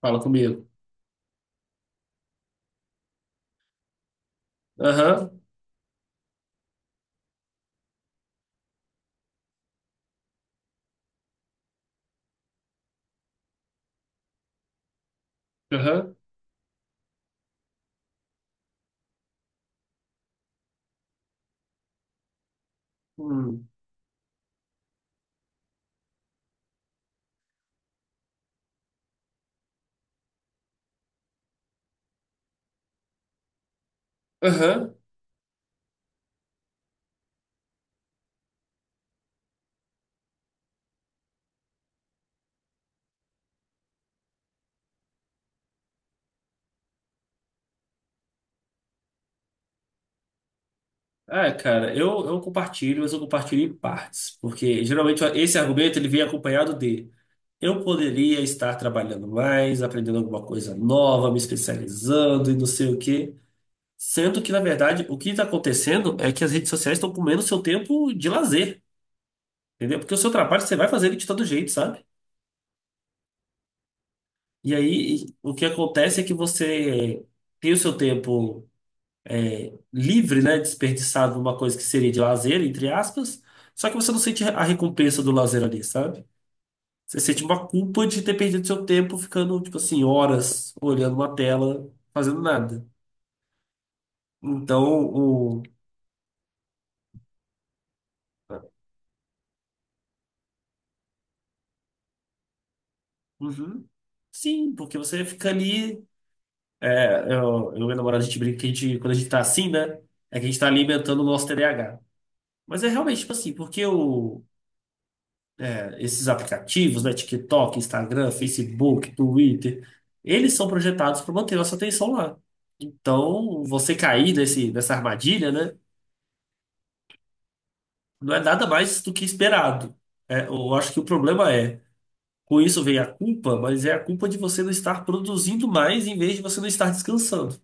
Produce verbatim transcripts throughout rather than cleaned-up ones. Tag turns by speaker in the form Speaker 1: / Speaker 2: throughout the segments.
Speaker 1: Fala comigo. Aham, aham, hum, aham. Ah, cara, eu, eu compartilho, mas eu compartilho em partes, porque geralmente esse argumento ele vem acompanhado de eu poderia estar trabalhando mais, aprendendo alguma coisa nova, me especializando e não sei o quê. Sendo que, na verdade, o que está acontecendo é que as redes sociais estão comendo o seu tempo de lazer, entendeu? Porque o seu trabalho você vai fazer ele de todo jeito, sabe? E aí, o que acontece é que você tem o seu tempo, é, livre, né, desperdiçado numa coisa que seria de lazer, entre aspas, só que você não sente a recompensa do lazer ali, sabe? Você sente uma culpa de ter perdido seu tempo ficando, tipo assim, horas olhando uma tela, fazendo nada. Então, o... Uhum. Sim, porque você fica ali... É, eu, eu e minha namorada, a gente brinca que a gente, quando a gente tá assim, né, é que a gente tá alimentando o nosso T D A H. Mas é realmente, tipo assim, porque o... Esses aplicativos, né, TikTok, Instagram, Facebook, Twitter, eles são projetados para manter nossa atenção lá. Então, você cair nesse, nessa armadilha, né, não é nada mais do que esperado. É, eu acho que o problema é, com isso vem a culpa, mas é a culpa de você não estar produzindo mais em vez de você não estar descansando.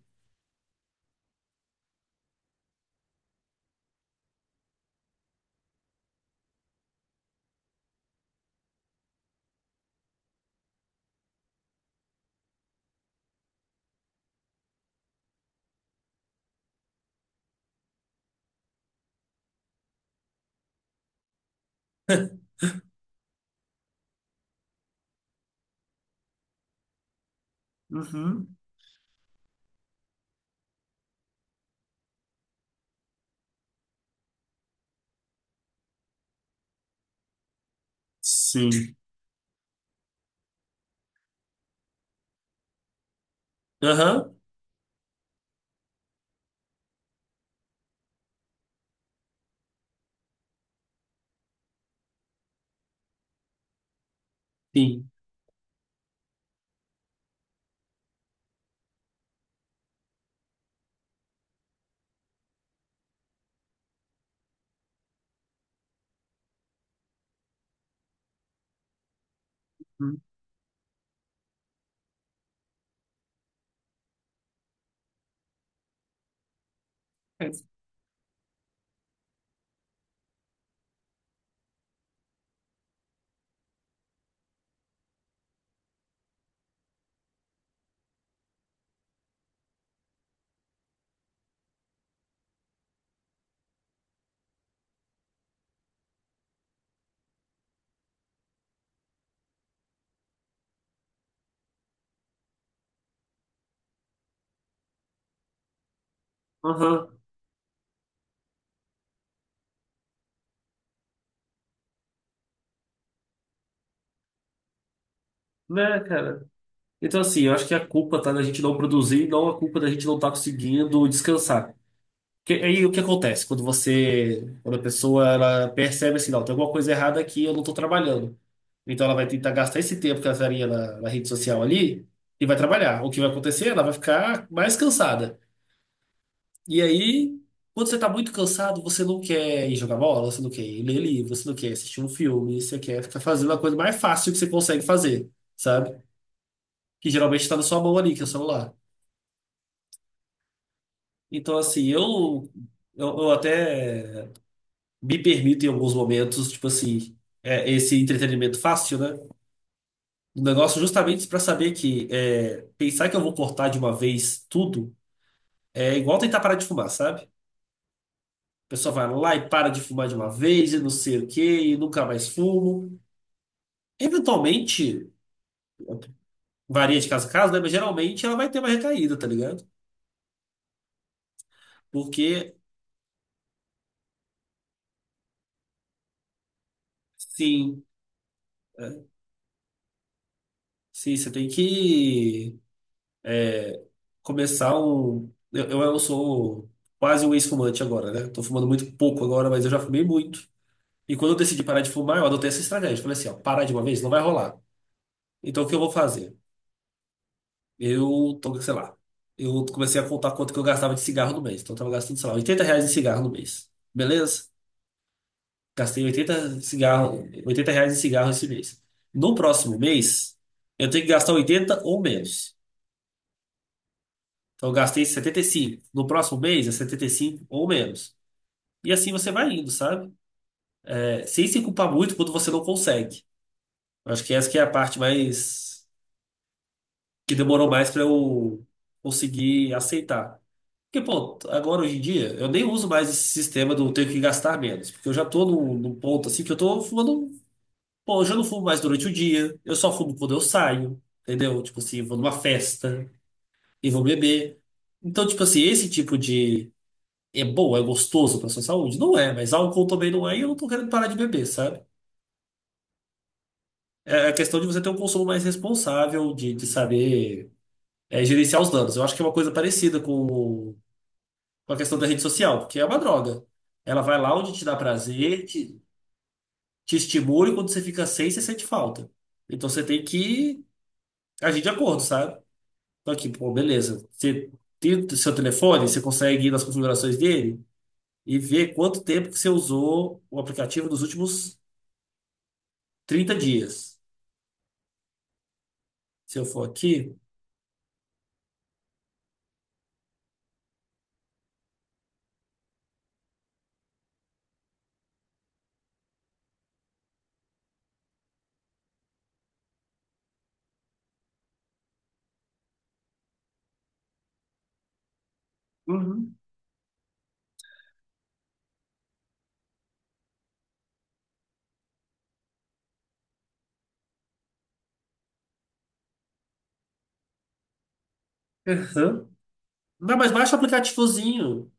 Speaker 1: Uhum. Sim. Aham, sim. Uhum. É. Aham. Né, cara? Então, assim, eu acho que a culpa tá da gente não produzir, não a culpa da gente não estar conseguindo descansar. Que- Aí o que acontece quando você, quando a pessoa ela percebe assim, não, tem alguma coisa errada aqui, eu não estou trabalhando. Então ela vai tentar gastar esse tempo que ela estaria na, na rede social ali e vai trabalhar. O que vai acontecer? Ela vai ficar mais cansada. E aí, quando você está muito cansado, você não quer ir jogar bola, você não quer ir ler livro, você não quer assistir um filme, você quer ficar fazendo a coisa mais fácil que você consegue fazer, sabe? Que geralmente está na sua mão ali, que é o celular. Então assim, eu, eu, eu até me permito em alguns momentos, tipo assim, é, esse entretenimento fácil, né? Um negócio justamente pra saber que é, pensar que eu vou cortar de uma vez tudo é igual tentar parar de fumar, sabe? A pessoa vai lá e para de fumar de uma vez e não sei o quê, e nunca mais fumo. Eventualmente, varia de caso a caso, né? Mas geralmente ela vai ter uma recaída, tá ligado? Porque, sim, é, sim, você tem que, é, começar um. Eu, eu eu sou quase um ex-fumante agora, né? Tô fumando muito pouco agora, mas eu já fumei muito. E quando eu decidi parar de fumar, eu adotei essa estratégia. Falei assim, ó, parar de uma vez não vai rolar. Então o que eu vou fazer? Eu tô, sei lá, eu comecei a contar quanto que eu gastava de cigarro no mês. Então eu tava gastando, sei lá, oitenta reais em cigarro no mês. Beleza? Gastei oitenta cigarro, oitenta reais em cigarro esse mês. No próximo mês, eu tenho que gastar oitenta ou menos. Então eu gastei setenta e cinco. No próximo mês é setenta e cinco ou menos. E assim você vai indo, sabe? É, sem se culpar muito quando você não consegue. Eu acho que essa que é a parte mais que demorou mais pra eu conseguir aceitar. Porque, pô, agora hoje em dia eu nem uso mais esse sistema do tenho que gastar menos, porque eu já tô num, num ponto assim que eu tô fumando, pô, eu já não fumo mais durante o dia, eu só fumo quando eu saio, entendeu? Tipo assim, vou numa festa e vou beber. Então, tipo assim, esse tipo de é bom, é gostoso pra sua saúde? Não é, mas álcool também não é e eu não tô querendo parar de beber, sabe? É a questão de você ter um consumo mais responsável, de, de saber, é, gerenciar os danos. Eu acho que é uma coisa parecida com, com a questão da rede social, porque é uma droga. Ela vai lá onde te dá prazer, te, te estimula e quando você fica sem, você sente falta. Então você tem que agir de acordo, sabe? Então aqui, pô, beleza. Você tem o seu telefone, você consegue ir nas configurações dele e ver quanto tempo que você usou o aplicativo nos últimos trinta dias. Se eu for aqui. Uhum. Aham. Não, mas baixa o aplicativozinho.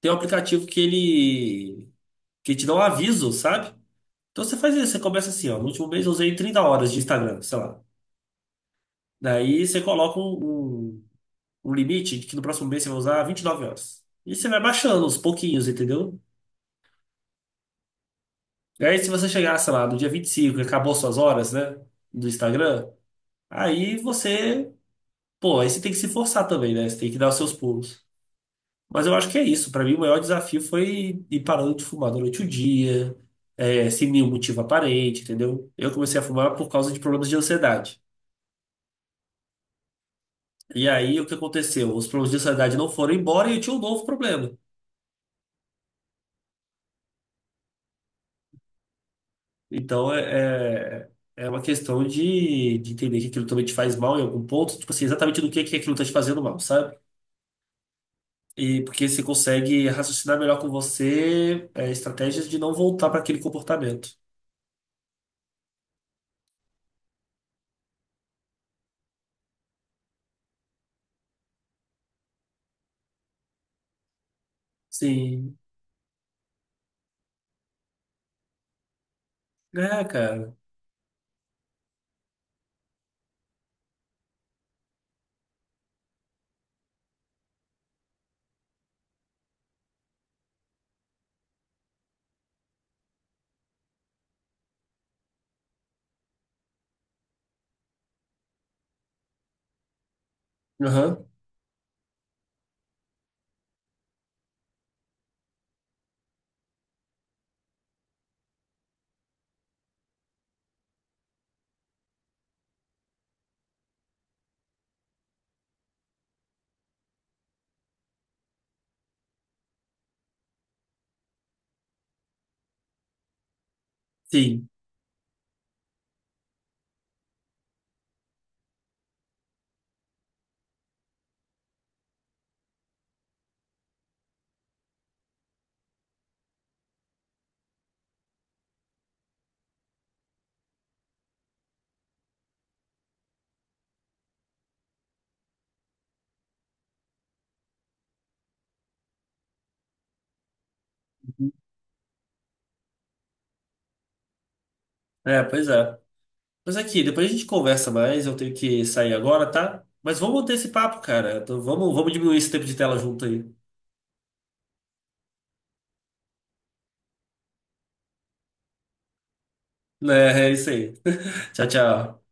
Speaker 1: Tem um aplicativo que ele que te dá um aviso, sabe? Então você faz isso, você começa assim, ó, no último mês eu usei trinta horas de Instagram, sei lá. Daí você coloca um, um, um limite de que no próximo mês você vai usar vinte e nove horas. E você vai baixando aos pouquinhos, entendeu? E aí se você chegar, sei lá, no dia vinte e cinco e cinco e acabou suas horas, né, do Instagram, aí você, pô, aí você tem que se forçar também, né? Você tem que dar os seus pulos. Mas eu acho que é isso. Para mim, o maior desafio foi ir parando de fumar durante o dia, é, sem nenhum motivo aparente, entendeu? Eu comecei a fumar por causa de problemas de ansiedade. E aí, o que aconteceu? Os problemas de ansiedade não foram embora e eu tinha um novo problema. Então, é, é, é uma questão de, de entender que aquilo também te faz mal em algum ponto, tipo assim, exatamente do que, que aquilo está te fazendo mal, sabe? E porque você consegue raciocinar melhor com você, é, estratégias de não voltar para aquele comportamento. Sim. É, cara. Aham. Sim. É, pois é. Mas aqui, depois a gente conversa mais. Eu tenho que sair agora, tá? Mas vamos manter esse papo, cara. Então, vamos, vamos diminuir esse tempo de tela junto aí. Né, é isso aí. Tchau, tchau.